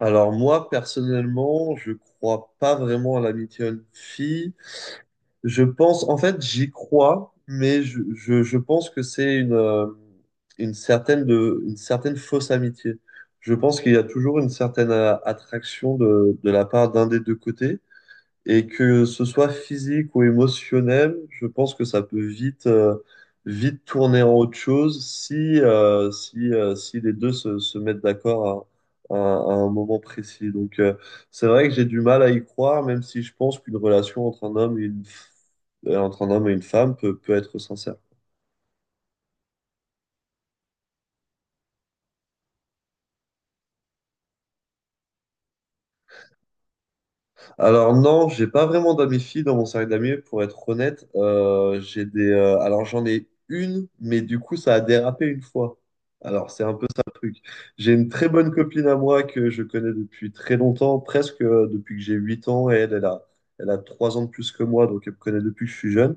Alors moi, personnellement, je crois pas vraiment à l'amitié homme-fille. Je pense, en fait, j'y crois, mais je pense que c'est une certaine fausse amitié. Je pense qu'il y a toujours une certaine attraction de la part d'un des deux côtés. Et que ce soit physique ou émotionnel, je pense que ça peut vite tourner en autre chose si les deux se mettent d'accord à, à- à un moment précis. Donc, c'est vrai que j'ai du mal à y croire, même si je pense qu'une relation entre un homme et une, f- entre un homme et une femme peut être sincère. Alors non, j'ai pas vraiment d'amis filles dans mon cercle d'amis, pour être honnête. J'ai alors j'en ai une, mais du coup ça a dérapé une fois. Alors c'est un peu ça le truc. J'ai une très bonne copine à moi que je connais depuis très longtemps, presque depuis que j'ai 8 ans, et elle a 3 ans de plus que moi, donc elle me connaît depuis que je suis jeune.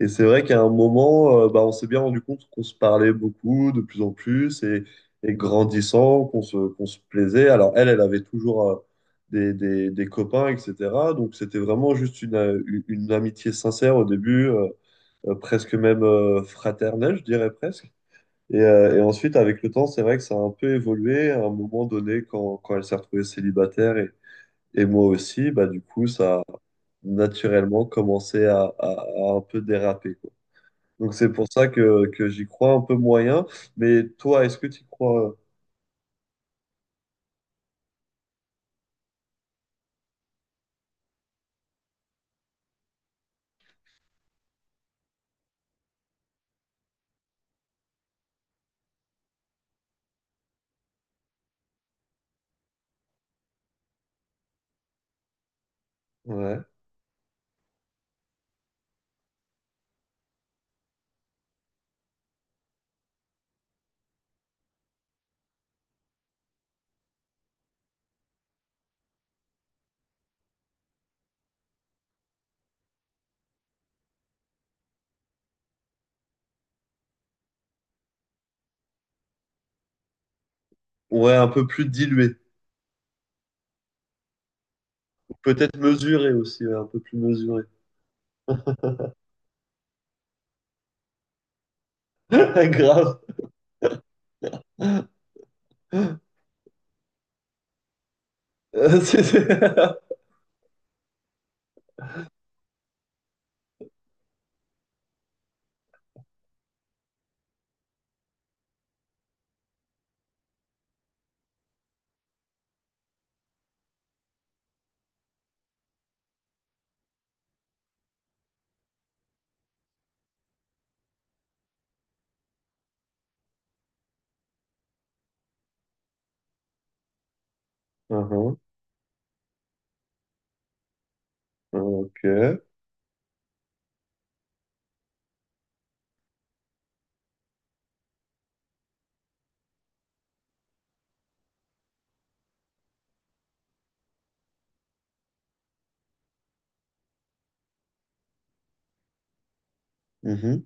Et c'est vrai qu'à un moment, bah, on s'est bien rendu compte qu'on se parlait beaucoup, de plus en plus, et grandissant, qu'on se plaisait. Alors elle, elle avait toujours des copains, etc. Donc c'était vraiment juste une amitié sincère au début, presque même fraternelle, je dirais presque. Et ensuite, avec le temps, c'est vrai que ça a un peu évolué à un moment donné quand elle s'est retrouvée célibataire et moi aussi, bah, du coup, ça a naturellement commencé à un peu déraper. Donc c'est pour ça que j'y crois un peu moyen. Mais toi, est-ce que tu y crois? Ouais. Ouais, un peu plus dilué. Peut-être mesuré aussi, ouais, un peu plus mesuré. Grave. Euh, c'est- c'est- Mhm. Ok. Mhm.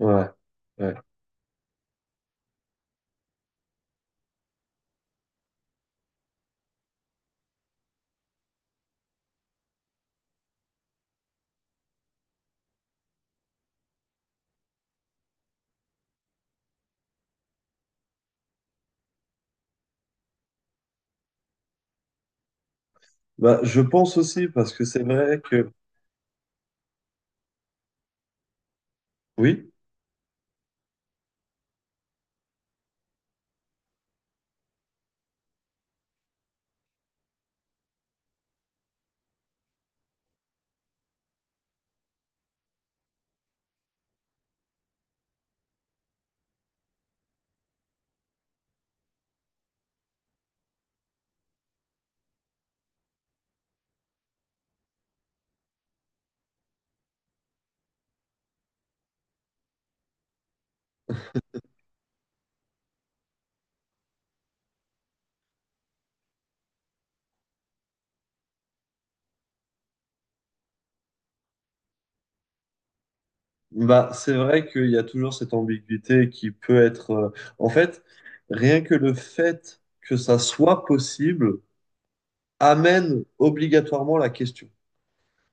Ouais. Ouais. Bah, je pense aussi, parce que c'est vrai que, oui, bah, c'est vrai qu'il y a toujours cette ambiguïté qui peut en fait, rien que le fait que ça soit possible amène obligatoirement la question.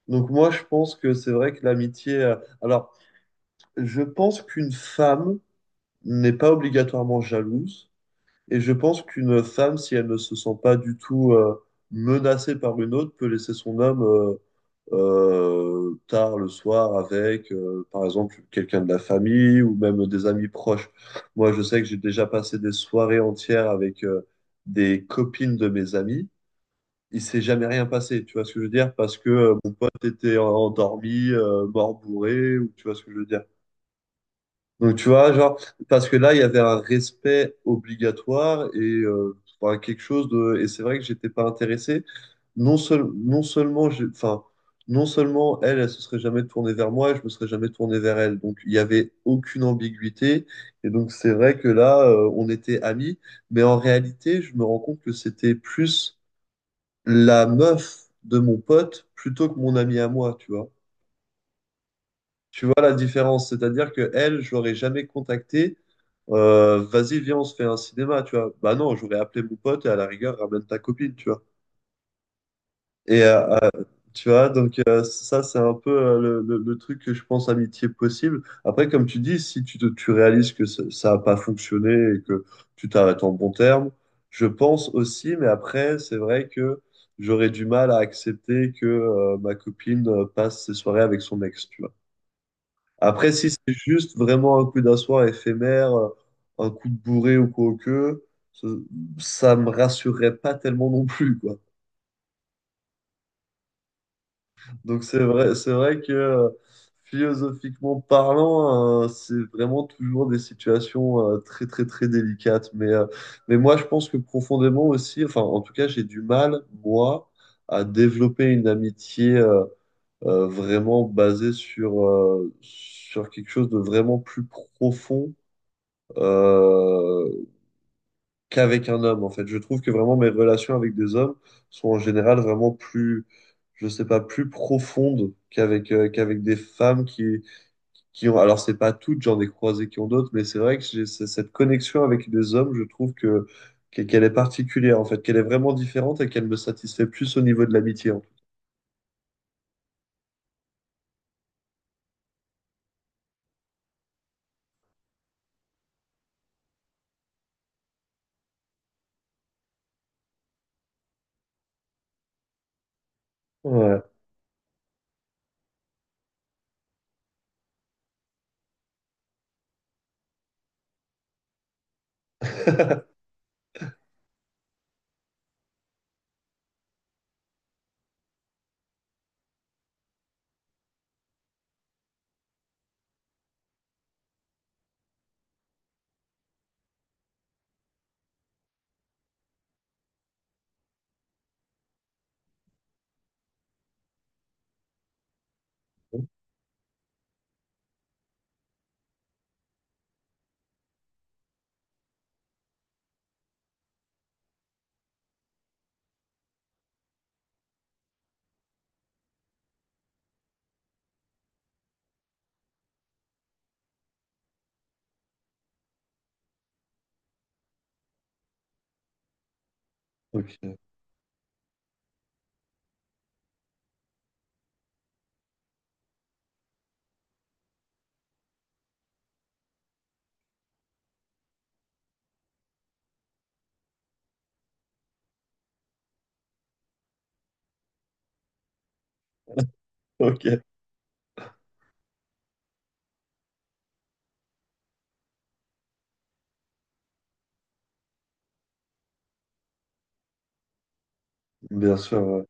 Donc moi, je pense que c'est vrai que l'amitié. Alors, je pense qu'une femme n'est pas obligatoirement jalouse. Et je pense qu'une femme, si elle ne se sent pas du tout menacée par une autre, peut laisser son homme tard le soir avec, par exemple, quelqu'un de la famille ou même des amis proches. Moi, je sais que j'ai déjà passé des soirées entières avec des copines de mes amis il s'est jamais rien passé, tu vois ce que je veux dire? Parce que mon pote était endormi, mort bourré, ou tu vois ce que je veux dire? Donc tu vois, genre, parce que là, il y avait un respect obligatoire et enfin, quelque chose de... Et c'est vrai que j'étais pas intéressé. Non, seul... non seulement, j'ai- enfin, non seulement elle, elle se serait jamais tournée vers moi et je me serais jamais tourné vers elle. Donc il y avait aucune ambiguïté. Et donc c'est vrai que là, on était amis. Mais en réalité, je me rends compte que c'était plus la meuf de mon pote plutôt que mon ami à moi, tu vois. Tu vois la différence, c'est-à-dire que elle, je l'aurais jamais contactée. Vas-y, viens, on se fait un cinéma, tu vois. Bah non, j'aurais appelé mon pote et à la rigueur, ramène ta copine, tu vois. Et euh, Tu vois, donc ça, c'est un peu le truc que je pense amitié possible. Après, comme tu dis, si tu, te- tu réalises que ça n'a pas fonctionné et que tu t'arrêtes en bon terme, je pense aussi, mais après, c'est vrai que j'aurais du mal à accepter que ma copine passe ses soirées avec son ex, tu vois. Après, si c'est juste vraiment un coup d'un soir éphémère, un coup de bourré ou quoi que, ça, ça me rassurerait pas tellement non plus, quoi. C'est vrai que philosophiquement parlant, c'est vraiment toujours des situations très très très délicates. Mais moi je pense que profondément aussi, enfin en tout cas j'ai du mal, moi, à développer une amitié vraiment basée sur quelque chose de vraiment plus profond. Euh, Qu'avec un homme, en fait. Je trouve que vraiment mes relations avec des hommes sont en général vraiment plus, je sais pas, plus profondes qu'avec des femmes qui ont... Alors, c'est pas toutes, j'en ai croisé qui ont d'autres, mais c'est vrai que cette connexion avec des hommes, je trouve que qu'elle est particulière, en fait, qu'elle est vraiment différente et qu'elle me satisfait plus au niveau de l'amitié, en fait. Ouais. Ok. Ok. Bien sûr, ouais.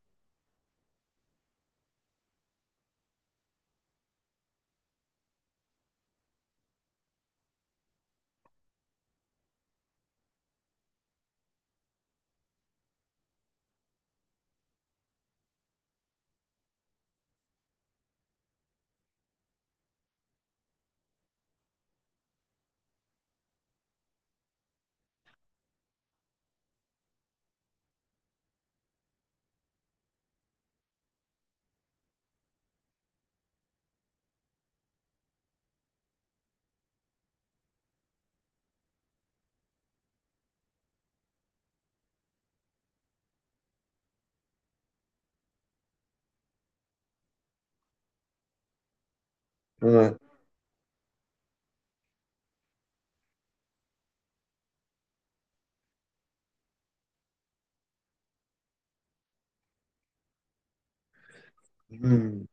Ouais. Hmm.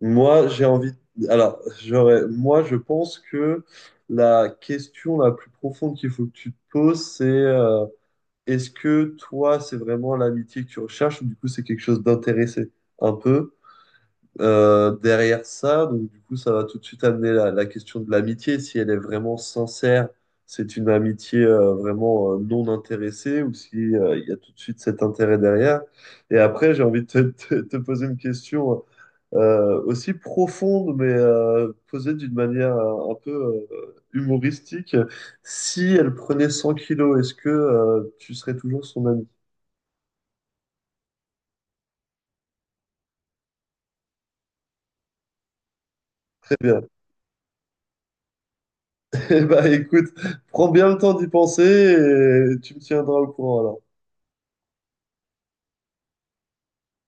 Moi, j'ai envie. Alors, j'aurais. Moi, je pense que la question la plus profonde qu'il faut que tu te poses, c'est est-ce que toi, c'est vraiment l'amitié que tu recherches ou du coup, c'est quelque chose d'intéressé un peu derrière ça. Donc, du coup, ça va tout de suite amener la question de l'amitié. Si elle est vraiment sincère, c'est une amitié vraiment non intéressée ou si il y a tout de suite cet intérêt derrière. Et après, j'ai envie te poser une question aussi profonde, mais posée d'une manière un peu humoristique. Si elle prenait 100 kilos, est-ce que tu serais toujours son ami? Très bien. Eh ben, écoute, prends bien le temps d'y penser et tu me tiendras au courant alors.